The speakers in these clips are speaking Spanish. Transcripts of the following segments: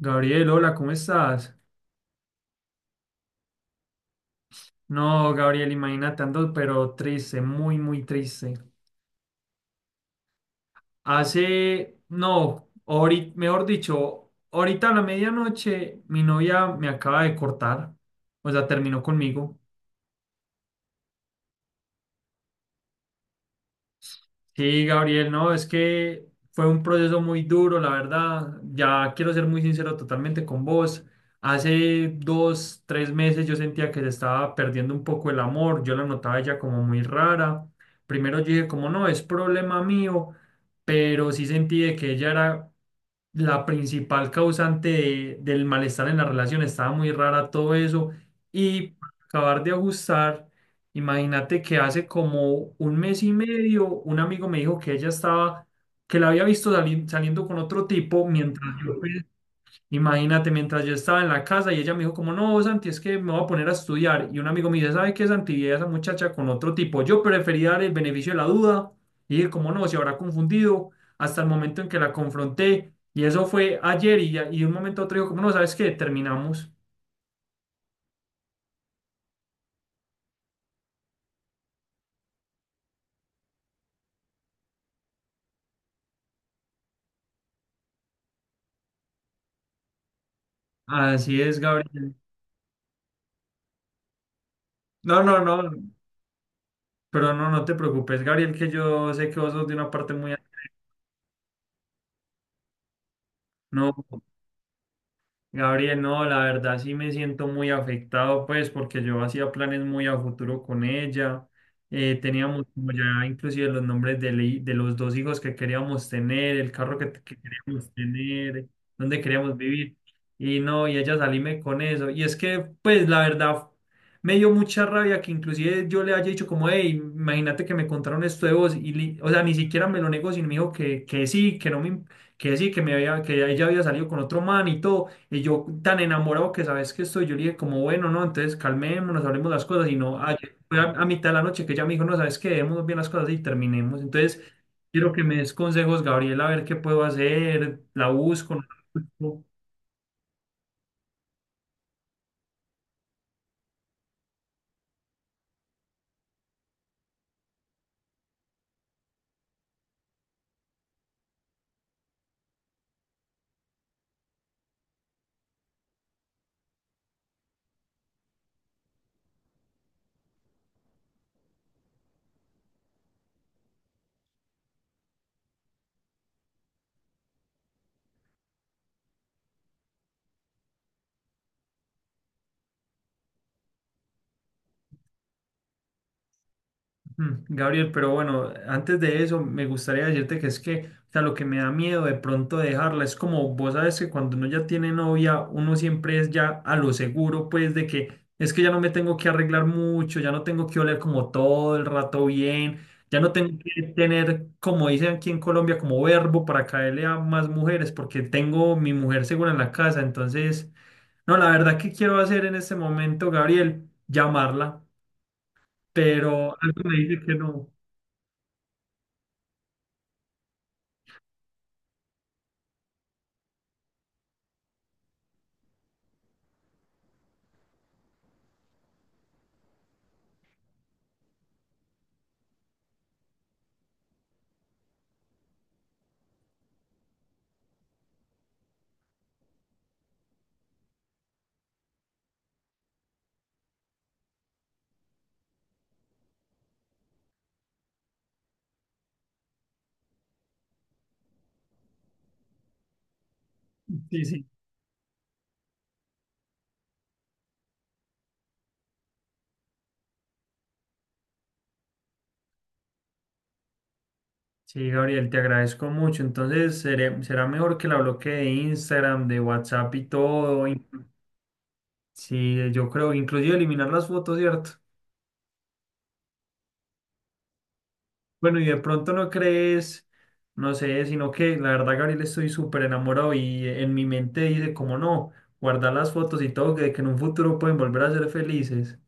Gabriel, hola, ¿cómo estás? No, Gabriel, imagínate, ando pero triste, muy, muy triste. Hace, no, ahorita, mejor dicho, ahorita a la medianoche mi novia me acaba de cortar, o sea, terminó conmigo. Sí, Gabriel, no, es que fue un proceso muy duro, la verdad. Ya quiero ser muy sincero totalmente con vos. Hace 2, 3 meses yo sentía que se estaba perdiendo un poco el amor. Yo la notaba ella como muy rara. Primero yo dije como no, es problema mío, pero sí sentí de que ella era la principal causante del malestar en la relación. Estaba muy rara todo eso. Y para acabar de ajustar, imagínate que hace como un mes y medio un amigo me dijo que ella estaba, que la había visto saliendo con otro tipo mientras yo. Imagínate, mientras yo estaba en la casa y ella me dijo como, no, Santi, es que me voy a poner a estudiar. Y un amigo me dice, ¿sabe qué, Santi? Vi a esa muchacha con otro tipo. Yo preferí dar el beneficio de la duda. Y dije, como no, se habrá confundido hasta el momento en que la confronté. Y eso fue ayer y, y de un momento a otro dijo, como no, ¿sabes qué? Terminamos. Así es, Gabriel. No, no, no, pero no, no te preocupes, Gabriel, que yo sé que vos sos de una parte muy... No. Gabriel, no, la verdad sí me siento muy afectado, pues, porque yo hacía planes muy a futuro con ella. Teníamos como ya inclusive los nombres de los dos hijos que queríamos tener, el carro que queríamos tener, dónde queríamos vivir. Y no, y ella salíme con eso. Y es que, pues, la verdad, me dio mucha rabia que inclusive yo le haya dicho como, hey, imagínate que me contaron esto de vos. Y, o sea, ni siquiera me lo negó, sino me dijo que sí, que no me, que sí, que me había, que ella había salido con otro man y todo. Y yo tan enamorado que sabes que estoy, yo le dije como, bueno, no, entonces calmémonos, hablemos las cosas. Y no, ayer fue a mitad de la noche que ella me dijo, no, sabes que debemos bien las cosas y terminemos. Entonces, quiero que me des consejos, Gabriel, a ver qué puedo hacer, la busco. No la busco. Mm, Gabriel, pero bueno, antes de eso me gustaría decirte que es que, o sea, lo que me da miedo de pronto dejarla es como vos sabes que cuando uno ya tiene novia, uno siempre es ya a lo seguro, pues de que es que ya no me tengo que arreglar mucho, ya no tengo que oler como todo el rato bien, ya no tengo que tener, como dicen aquí en Colombia, como verbo para caerle a más mujeres, porque tengo mi mujer segura en la casa. Entonces, no, la verdad que quiero hacer en este momento, Gabriel, llamarla, pero algo me dice que no. Sí, sí. Sí, Gabriel, te agradezco mucho. Entonces, será mejor que la bloquee de Instagram, de WhatsApp y todo. Y... Sí, yo creo, inclusive eliminar las fotos, ¿cierto? Bueno, y de pronto no crees, no sé, sino que la verdad, Gabriel, estoy súper enamorado y en mi mente dice, como no, guardar las fotos y todo, que en un futuro pueden volver a ser felices.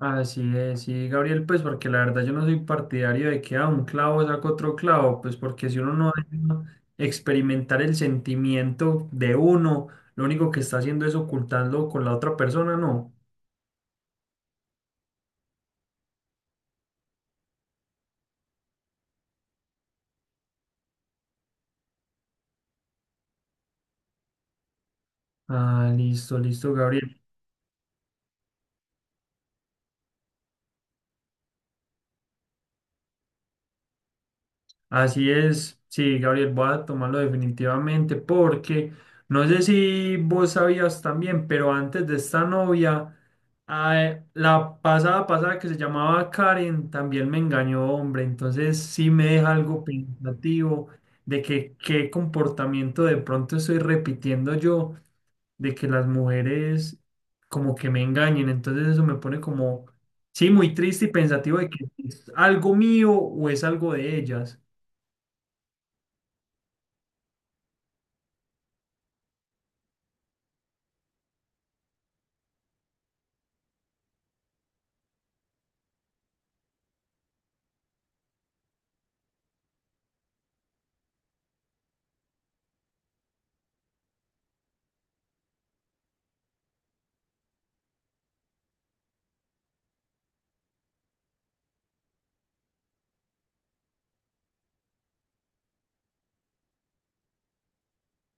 Así es, sí, Gabriel, pues porque la verdad yo no soy partidario de que a un clavo saca otro clavo, pues porque si uno no deja experimentar el sentimiento de uno, lo único que está haciendo es ocultarlo con la otra persona, ¿no? Ah, listo, listo, Gabriel. Así es, sí, Gabriel, voy a tomarlo definitivamente porque no sé si vos sabías también, pero antes de esta novia, ah, la pasada pasada que se llamaba Karen también me engañó, hombre, entonces sí me deja algo pensativo de que qué comportamiento de pronto estoy repitiendo yo, de que las mujeres como que me engañen, entonces eso me pone como, sí, muy triste y pensativo de que es algo mío o es algo de ellas.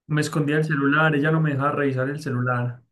Me escondía el celular, ella no me dejaba revisar el celular.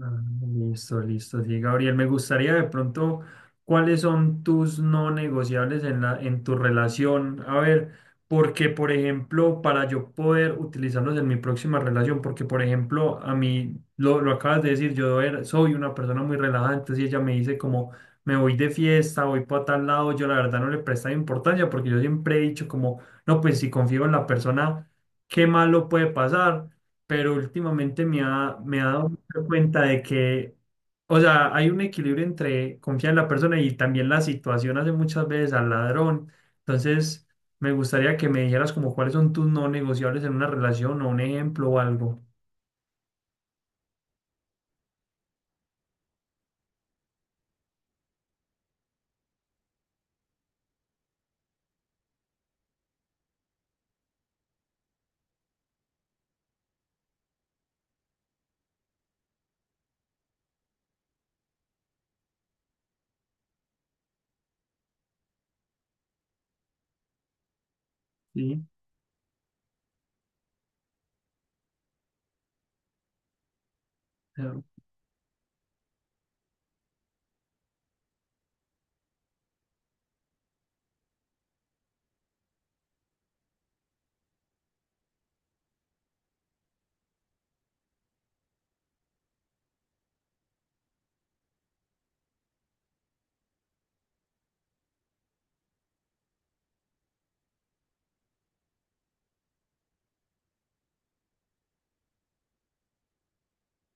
Ah, listo, listo, sí, Gabriel. Me gustaría de pronto, ¿cuáles son tus no negociables en la, en tu relación? A ver, porque, por ejemplo, para yo poder utilizarlos en mi próxima relación, porque, por ejemplo, a mí, lo acabas de decir, yo soy una persona muy relajada, entonces si ella me dice como, me voy de fiesta, voy para tal lado, yo la verdad no le prestaba importancia, porque yo siempre he dicho como, no, pues si confío en la persona, ¿qué malo puede pasar? Pero últimamente me ha dado mucha cuenta de que, o sea, hay un equilibrio entre confiar en la persona y también la situación hace muchas veces al ladrón. Entonces, me gustaría que me dijeras como cuáles son tus no negociables en una relación o un ejemplo o algo. Sí. Claro.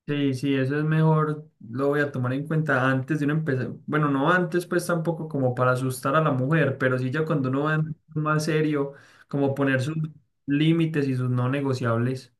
Sí, sí, eso es mejor, lo voy a tomar en cuenta antes de uno empezar. Bueno, no antes, pues tampoco como para asustar a la mujer, pero sí ya cuando uno va más serio, como poner sus límites y sus no negociables.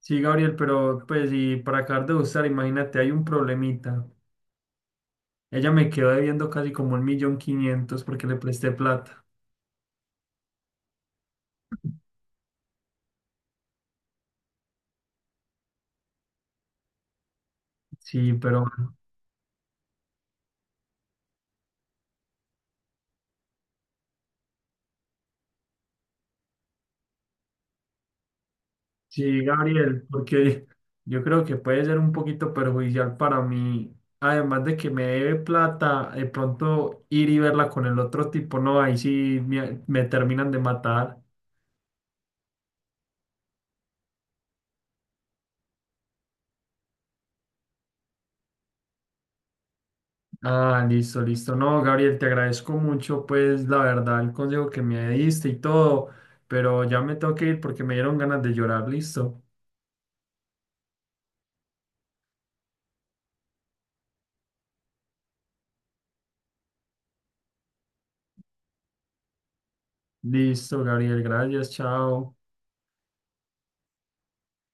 Sí, Gabriel, pero pues y para acabar de gustar, imagínate, hay un problemita. Ella me quedó debiendo casi como 1.500.000 porque le presté plata. Sí, pero bueno. Sí, Gabriel, porque yo creo que puede ser un poquito perjudicial para mí. Además de que me debe plata, de pronto ir y verla con el otro tipo, no, ahí sí me terminan de matar. Ah, listo, listo. No, Gabriel, te agradezco mucho, pues la verdad, el consejo que me diste y todo, pero ya me tengo que ir porque me dieron ganas de llorar. Listo. Listo, Gabriel, gracias, chao.